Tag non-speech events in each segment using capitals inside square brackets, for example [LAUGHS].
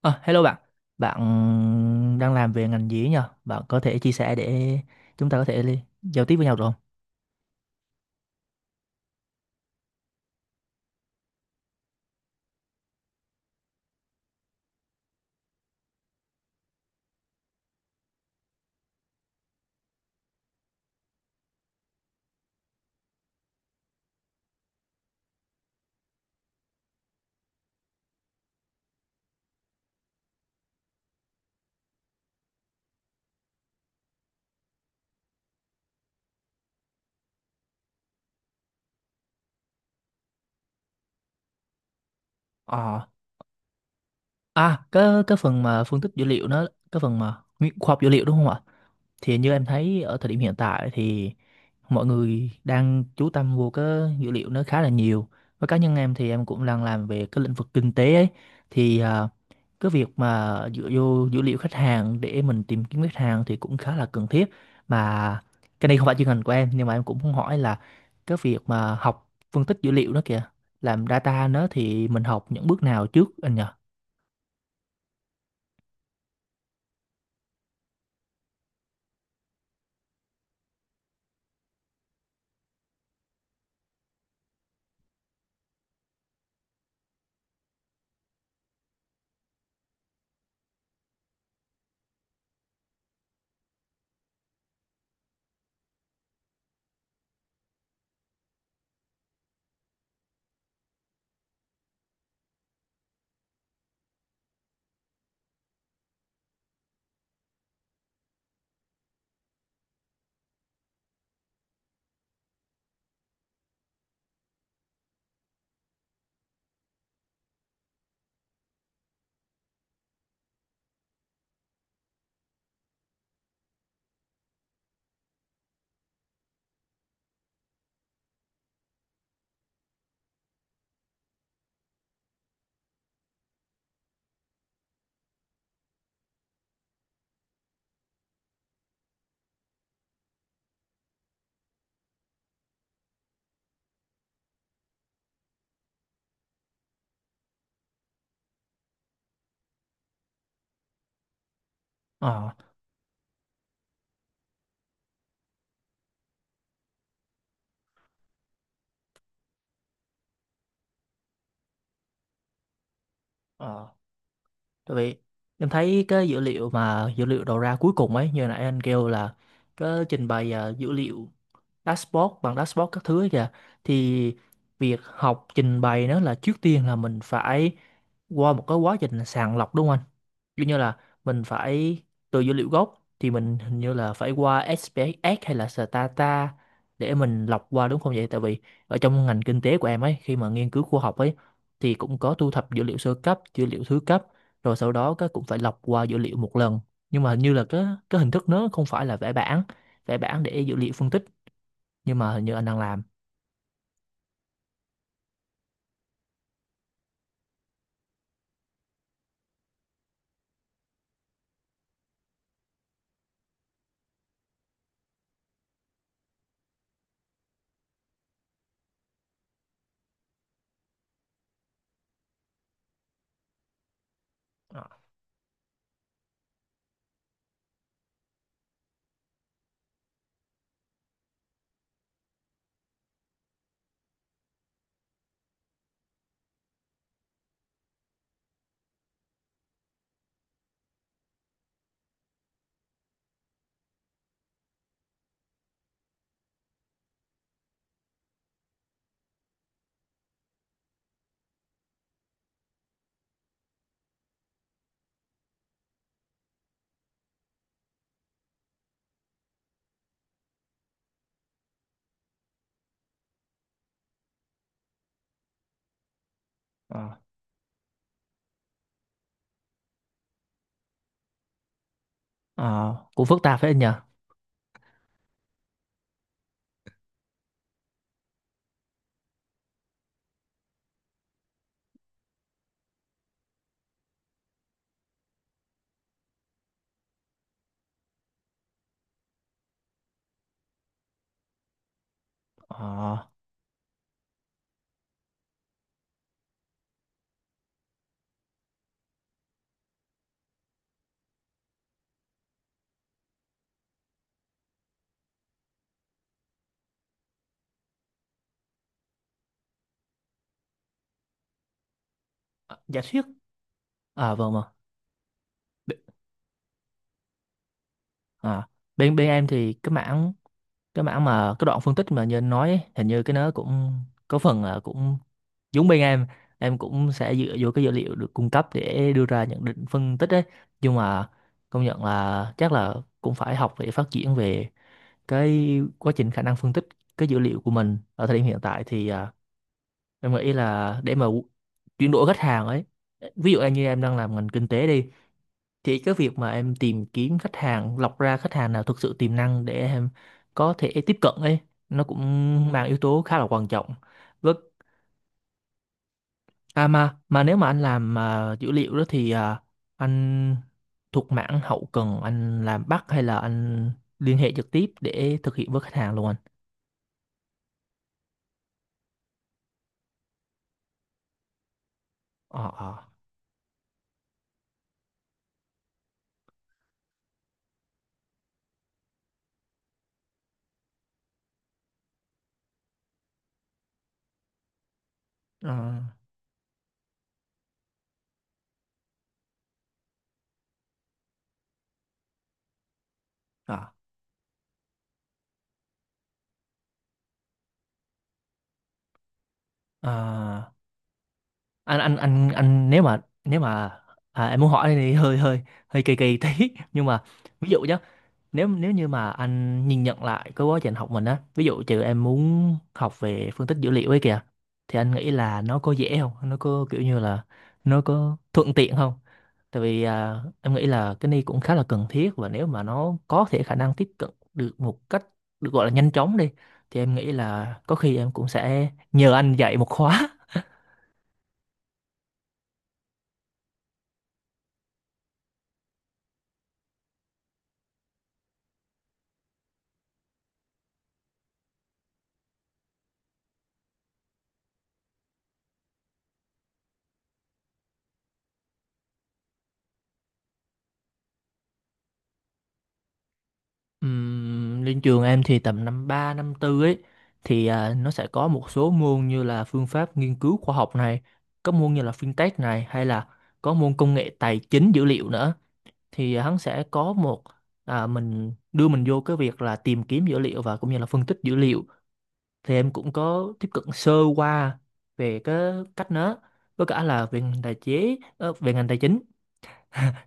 Ờ, Hello bạn, bạn đang làm về ngành gì ấy nhờ? Bạn có thể chia sẻ để chúng ta có thể giao tiếp với nhau được không? Ờ, à, cái phần mà phân tích dữ liệu nó, cái phần mà khoa học dữ liệu đúng không ạ? Thì như em thấy ở thời điểm hiện tại thì mọi người đang chú tâm vô cái dữ liệu nó khá là nhiều, với cá nhân em thì em cũng đang làm về cái lĩnh vực kinh tế ấy, thì cái việc mà dựa vô dữ liệu khách hàng để mình tìm kiếm khách hàng thì cũng khá là cần thiết. Mà cái này không phải chuyên ngành của em nhưng mà em cũng muốn hỏi là cái việc mà học phân tích dữ liệu đó kìa, làm data nó thì mình học những bước nào trước anh nhỉ? Ờ. Ờ. Tại vì em thấy cái dữ liệu mà dữ liệu đầu ra cuối cùng ấy như nãy anh kêu là cái trình bày à, dữ liệu dashboard bằng dashboard các thứ ấy kìa, thì việc học trình bày nó là trước tiên là mình phải qua một cái quá trình sàng lọc đúng không anh? Kiểu như là mình phải từ dữ liệu gốc thì mình hình như là phải qua SPSS hay là Stata để mình lọc qua đúng không vậy? Tại vì ở trong ngành kinh tế của em ấy khi mà nghiên cứu khoa học ấy thì cũng có thu thập dữ liệu sơ cấp, dữ liệu thứ cấp rồi sau đó các cũng phải lọc qua dữ liệu một lần. Nhưng mà hình như là cái hình thức nó không phải là vẽ bảng để dữ liệu phân tích, nhưng mà hình như anh đang làm. Ờ, ờ, ờ, Cũng phức tạp phải anh nhờ. Ờ, Giả thuyết. À vâng mà. Ờ, Bên bên em thì cái mảng, cái mảng mà cái đoạn phân tích mà như anh nói ấy, hình như cái nó cũng có phần là cũng giống bên em cũng sẽ dựa vô cái dữ liệu được cung cấp để đưa ra nhận định phân tích ấy, nhưng mà công nhận là chắc là cũng phải học để phát triển về cái quá trình khả năng phân tích cái dữ liệu của mình ở thời điểm hiện tại. Thì em nghĩ là để mà chuyển đổi khách hàng ấy, ví dụ như em đang làm ngành kinh tế đi, thì cái việc mà em tìm kiếm khách hàng, lọc ra khách hàng nào thực sự tiềm năng để em có thể tiếp cận ấy, nó cũng mang yếu tố khá là quan trọng. Với à, mà nếu mà anh làm à, dữ liệu đó thì à, anh thuộc mảng hậu cần, anh làm back hay là anh liên hệ trực tiếp để thực hiện với khách hàng luôn anh? ờ ờ ờ ờ ờ. Anh, nếu mà à, em muốn hỏi này hơi hơi hơi kỳ kỳ tí [LAUGHS] nhưng mà ví dụ nhá, nếu nếu như mà anh nhìn nhận lại cái quá trình học mình á, ví dụ trừ em muốn học về phân tích dữ liệu ấy kìa, thì anh nghĩ là nó có dễ không, nó có kiểu như là nó có thuận tiện không? Tại vì à, em nghĩ là cái này cũng khá là cần thiết, và nếu mà nó có thể khả năng tiếp cận được một cách được gọi là nhanh chóng đi, thì em nghĩ là có khi em cũng sẽ nhờ anh dạy một khóa. Lên trường em thì tầm năm 3 năm tư ấy thì à, nó sẽ có một số môn như là phương pháp nghiên cứu khoa học này, có môn như là fintech này, hay là có môn công nghệ tài chính dữ liệu nữa, thì hắn sẽ có một à, mình đưa mình vô cái việc là tìm kiếm dữ liệu và cũng như là phân tích dữ liệu, thì em cũng có tiếp cận sơ qua về cái cách nó, với cả là về ngành về ngành tài chính.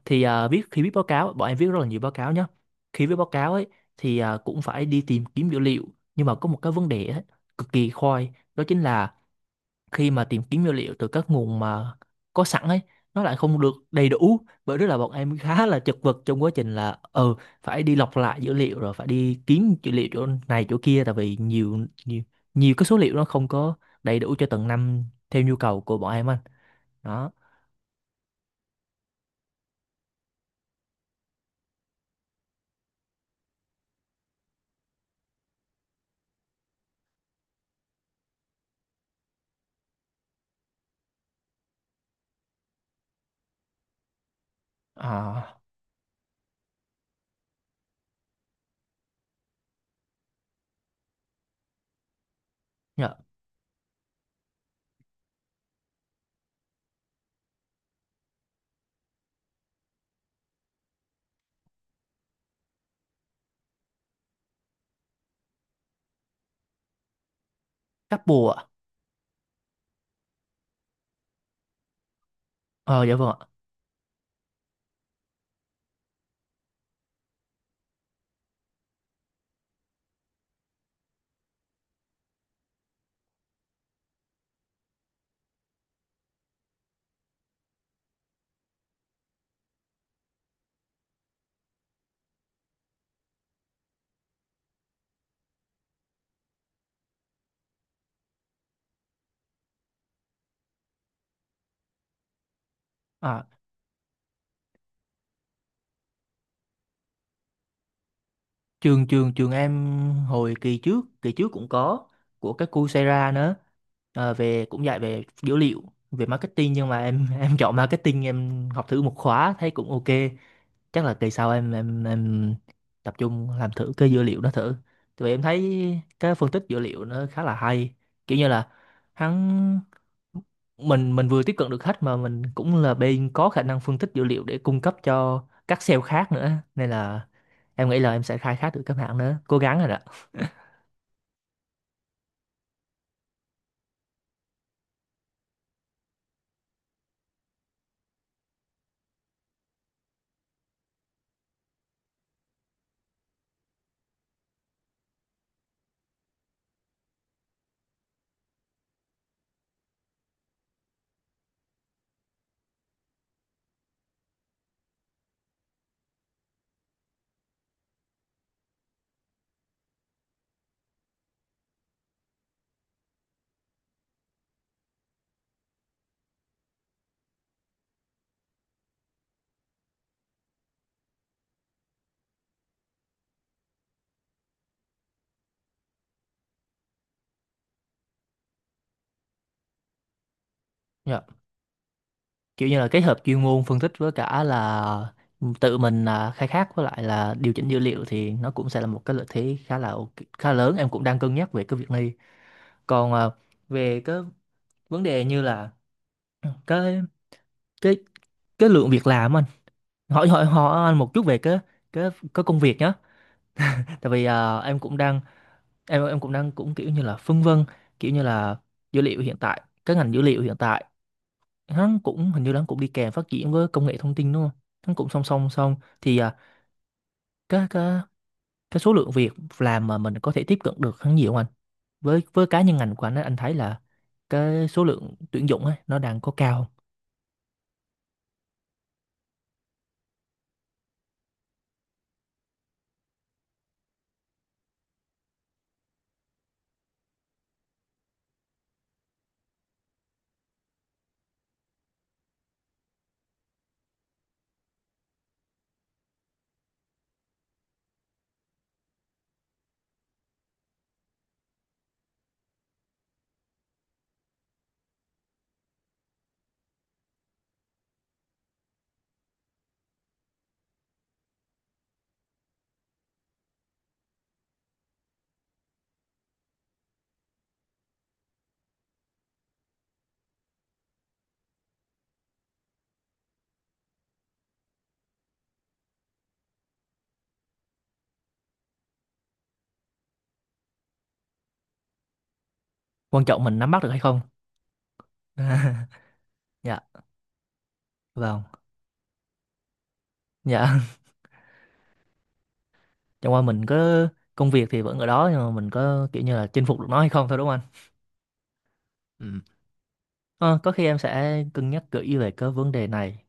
Thì à, khi viết báo cáo bọn em viết rất là nhiều báo cáo nhá. Khi viết báo cáo ấy thì à, cũng phải đi tìm kiếm dữ liệu, nhưng mà có một cái vấn đề ấy, cực kỳ khoai đó chính là khi mà tìm kiếm dữ liệu từ các nguồn mà có sẵn ấy, nó lại không được đầy đủ. Bởi đó là bọn em khá là chật vật trong quá trình là ừ, phải đi lọc lại dữ liệu rồi phải đi kiếm dữ liệu chỗ này chỗ kia, tại vì nhiều nhiều nhiều cái số liệu nó không có đầy đủ cho từng năm theo nhu cầu của bọn em anh. Đó, à, dạ. Couple ạ. Ờ dạ vâng ạ. À, trường trường trường em hồi kỳ trước cũng có của cái Coursera nữa. Ờ, về cũng dạy về dữ liệu, về marketing, nhưng mà em [LAUGHS] em chọn marketing, em học thử một khóa thấy cũng ok. Chắc là kỳ sau em tập trung làm thử cái dữ liệu đó thử, tại vì em thấy cái phân tích dữ liệu nó khá là hay, kiểu như là hắn mình vừa tiếp cận được khách mà mình cũng là bên có khả năng phân tích dữ liệu để cung cấp cho các sale khác nữa, nên là em nghĩ là em sẽ khai thác được các bạn nữa, cố gắng rồi đó. Dạ. Kiểu như là kết hợp chuyên môn phân tích với cả là tự mình là khai thác với lại là điều chỉnh dữ liệu thì nó cũng sẽ là một cái lợi thế khá là khá lớn, em cũng đang cân nhắc về cái việc này. Còn ờ, về cái vấn đề như là ừ, cái cái lượng việc làm anh, hỏi hỏi hỏi anh một chút về cái công việc nhé. Tại vì ờ, em cũng đang cũng đang cũng kiểu như là phân vân. Kiểu như là dữ liệu hiện tại, cái ngành dữ liệu hiện tại, nó cũng hình như nó cũng đi kèm phát triển với công nghệ thông tin đúng không, nó cũng song song song. Thì ờ, cái cái cái số lượng việc làm mà mình có thể tiếp cận được hắn nhiều không anh? Với cá nhân ngành của anh á, anh thấy là cái số lượng tuyển dụng ấy nó đang có cao không? Quan trọng mình nắm bắt được hay không. [LAUGHS] Dạ vâng. Dạ. [LAUGHS] Chẳng qua mình có công việc thì vẫn ở đó, nhưng mà mình có kiểu như là chinh phục được nó hay không thôi đúng không anh? Ừ. Ờ, có khi em sẽ cân nhắc kỹ về cái vấn đề này.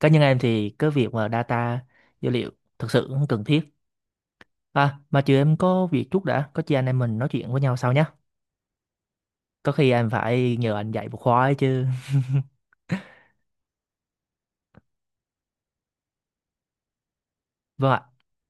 Cá nhân em thì cái việc mà dữ liệu thực sự cũng cần thiết. À mà chiều em có việc chút đã, có chi anh em mình nói chuyện với nhau sau nhé. Có khi em phải nhờ anh dạy một khóa ấy chứ. Vâng ạ.